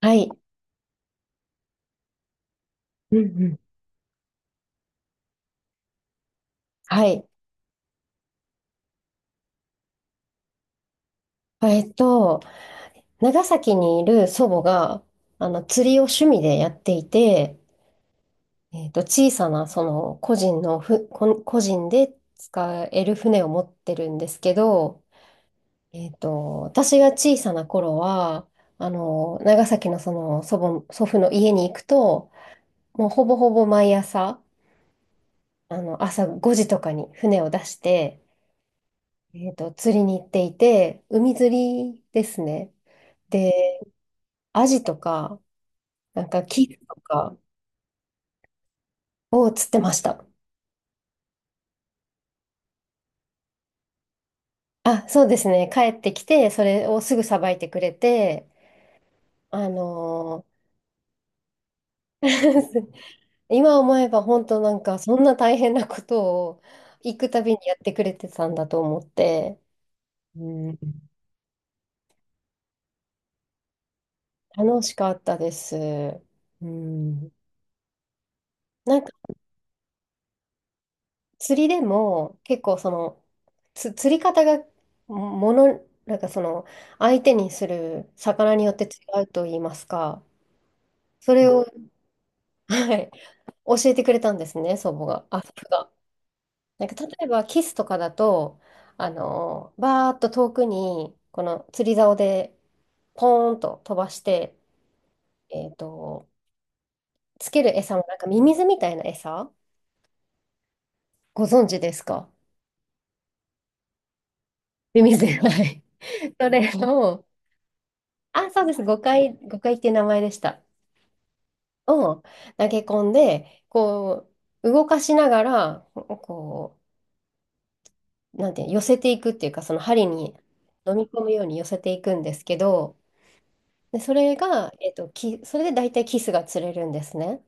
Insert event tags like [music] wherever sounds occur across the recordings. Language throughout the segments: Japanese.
はい。うんうん。はい。えっと、長崎にいる祖母が、釣りを趣味でやっていて、小さな、その、個人のふ、こ個人で使える船を持ってるんですけど、私が小さな頃は、長崎のその、祖父の家に行くと、もうほぼほぼ毎朝、朝5時とかに船を出して、釣りに行っていて、海釣りですね。アジとか、なんかキスとかを釣ってました。あ、そうですね。帰ってきて、それをすぐさばいてくれて、あのー [laughs] 今思えば本当なんかそんな大変なことを行くたびにやってくれてたんだと思って、うん、楽しかったです。うん、なんか釣りでも結構その釣り方がもの、なんかその相手にする魚によって違うと言いますか。それを、はい、教えてくれたんですね、祖母が。あ、祖父が。なんか例えばキスとかだと、バーっと遠くに、この釣り竿でポーンと飛ばして、えっと、つける餌もなんかミミズみたいな餌ご存知ですか？ミミズ。はい。それを、あ、そうです。誤解、誤解っていう名前でした。を投げ込んで、こう、動かしながら、こう、なんていうの寄せていくっていうか、その針に飲み込むように寄せていくんですけど、で、それが、それで大体キスが釣れるんですね。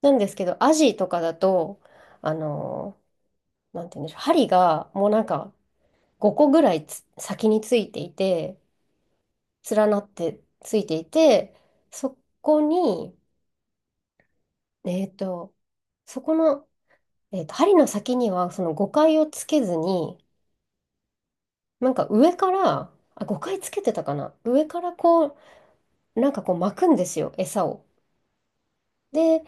なんですけど、アジとかだと、あのなんていうんでしょう、針がもうなんか5個ぐらい先についていて、連なってついていて、そこに、えっと、そこの、針の先にはその5回をつけずに、なんか上から、あ、5回つけてたかな。上からこう、なんかこう巻くんですよ、餌を。で、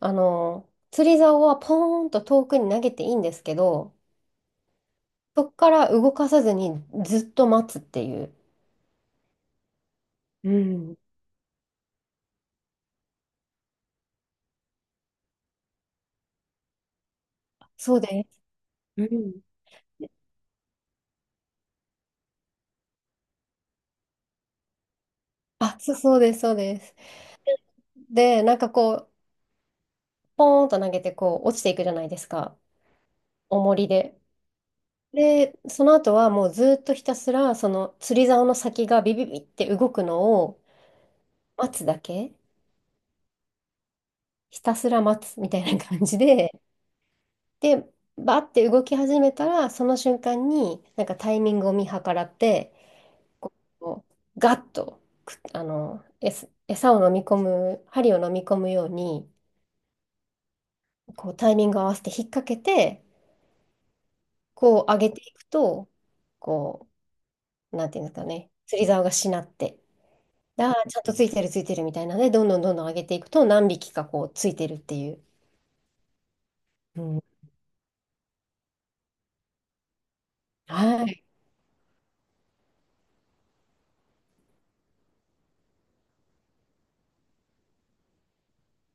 釣り竿はポーンと遠くに投げていいんですけど、そこから動かさずにずっと待つっていう。うん。そうです。うん。あ、そう、そうです、そうです。で、なんかこう、ポーンと投げてこう落ちていくじゃないですか、重りで。で、その後はもうずっとひたすら、その釣り竿の先がビビビって動くのを待つだけ、ひたすら待つみたいな感じで、で、バーって動き始めたら、その瞬間に、なんかタイミングを見計らって、こうガッとく、あの、餌を飲み込む、針を飲み込むように、こうタイミングを合わせて引っ掛けて、こう上げていくと、こう、なんていうんですかね、釣り竿がしなって、でああちゃんとついてるついてるみたいなね、どんどんどんどん上げていくと、何匹かこうついてるっていう。うん、はい、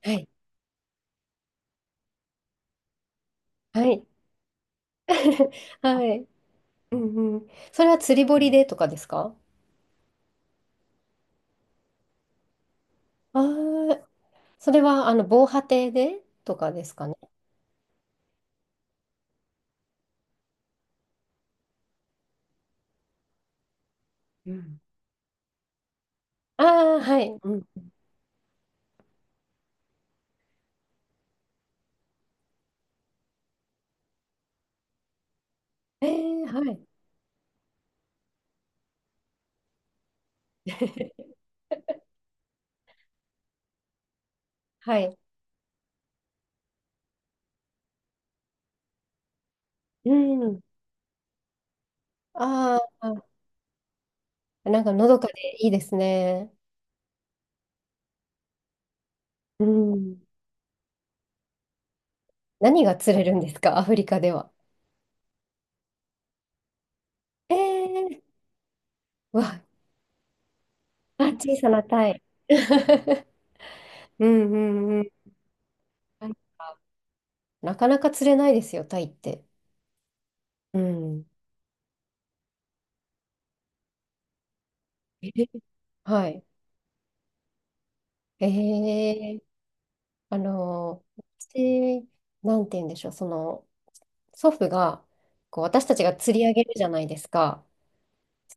はい、はい、[laughs] はい。うんうん、それは釣り堀でとかですか？ああ、それは、防波堤でとかですかね。うん。ああ、はい。うん。ええ、はい。[laughs] はい。うん。ああ、なんかのどかでいいですね。うん。何が釣れるんですか、アフリカでは？ええ、うわ、あ、小さなタイ。[laughs] うんうんうん。[laughs] なんかなかなか釣れないですよ、タイって。うん。えはい。ええ、あの、私、なんて言うんでしょう、その、祖父がこう私たちが釣り上げるじゃないですか。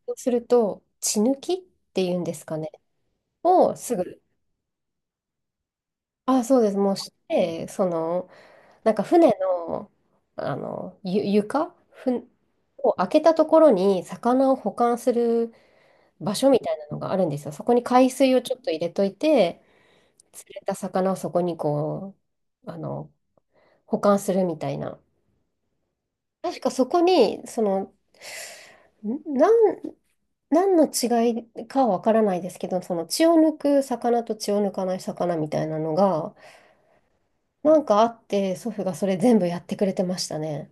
そうすると血抜きっていうんですかね。をすぐ、あ、そうです。もうして、その、なんか船の、床を開けたところに魚を保管する場所みたいなのがあるんですよ。そこに海水をちょっと入れといて、釣れた魚をそこにこう、保管するみたいな。確かそこに、その、ん何何の違いかはわからないですけど、その血を抜く魚と血を抜かない魚みたいなのが、なんかあって、祖父がそれ全部やってくれてましたね。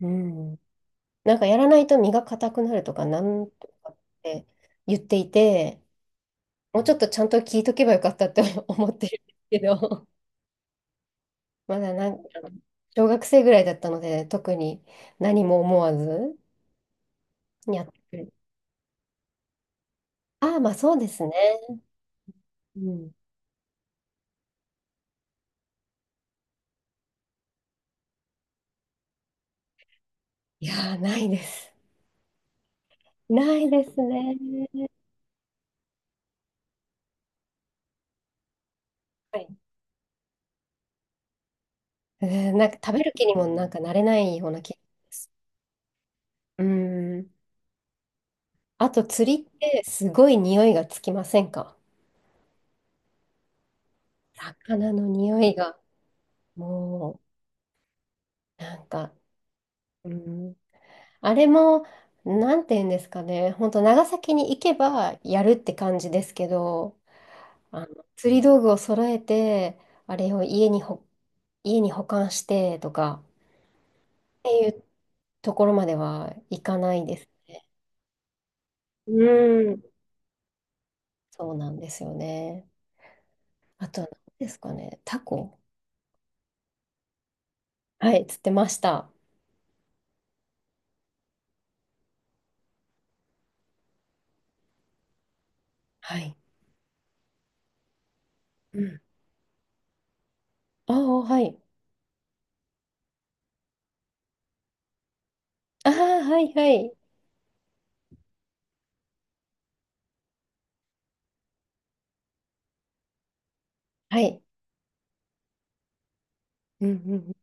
うん。なんかやらないと身が硬くなるとか、なんとかって言っていて、もうちょっとちゃんと聞いとけばよかったって [laughs] 思ってるんですけど、まだなんか、小学生ぐらいだったので、特に何も思わずやってくれて。ああ、まあそうですね。うん。いやー、ないです。ないですね。はい、うん、なんか食べる気にもなんかなれないような気。うん。あと釣りってすごい匂いがつきませんか？魚の匂いが。もう、なんか、うん。あれも、なんて言うんですかね。本当長崎に行けばやるって感じですけど、釣り道具を揃えて、あれを家に保管してとか、っていうところまではいかないです。うん。そうなんですよね。あとは何ですかね。タコ、はい、釣ってました。はい。うん。ああ、はい。ああ、はいはい。はい。うんうんうん。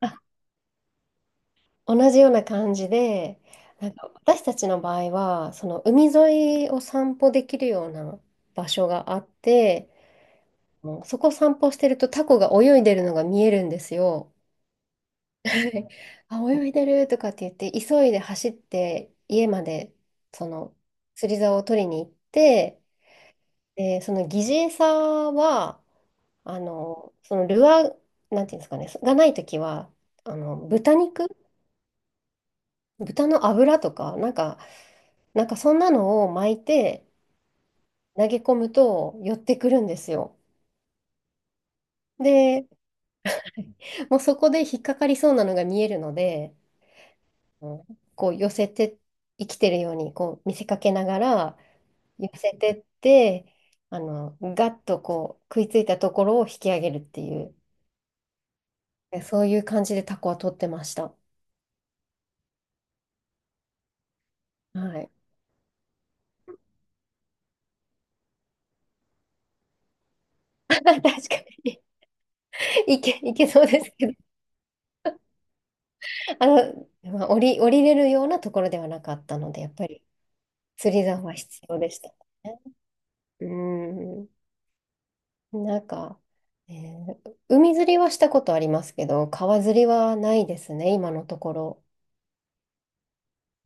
あ、同じような感じで、なんか私たちの場合は、その海沿いを散歩できるような場所があって、もうそこ散歩してるとタコが泳いでるのが見えるんですよ。はい [laughs] あ、泳いでるとかって言って、急いで走って家までその釣り竿を取りに行って、で、その疑似餌は、そのルアー、なんていうんですかね、がないときは、豚肉、豚の脂とか、なんかそんなのを巻いて投げ込むと寄ってくるんですよ。で、もうそこで引っかかりそうなのが見えるので、うん、こう寄せて、生きてるようにこう見せかけながら寄せてって、ガッとこう食いついたところを引き上げるっていう、そういう感じでタコは取ってました。はい。[laughs] 確かに。いけそうですけど。まあ、降りれるようなところではなかったので、やっぱり釣り竿は必要でしたね。うん。なんか、海釣りはしたことありますけど、川釣りはないですね、今のところ。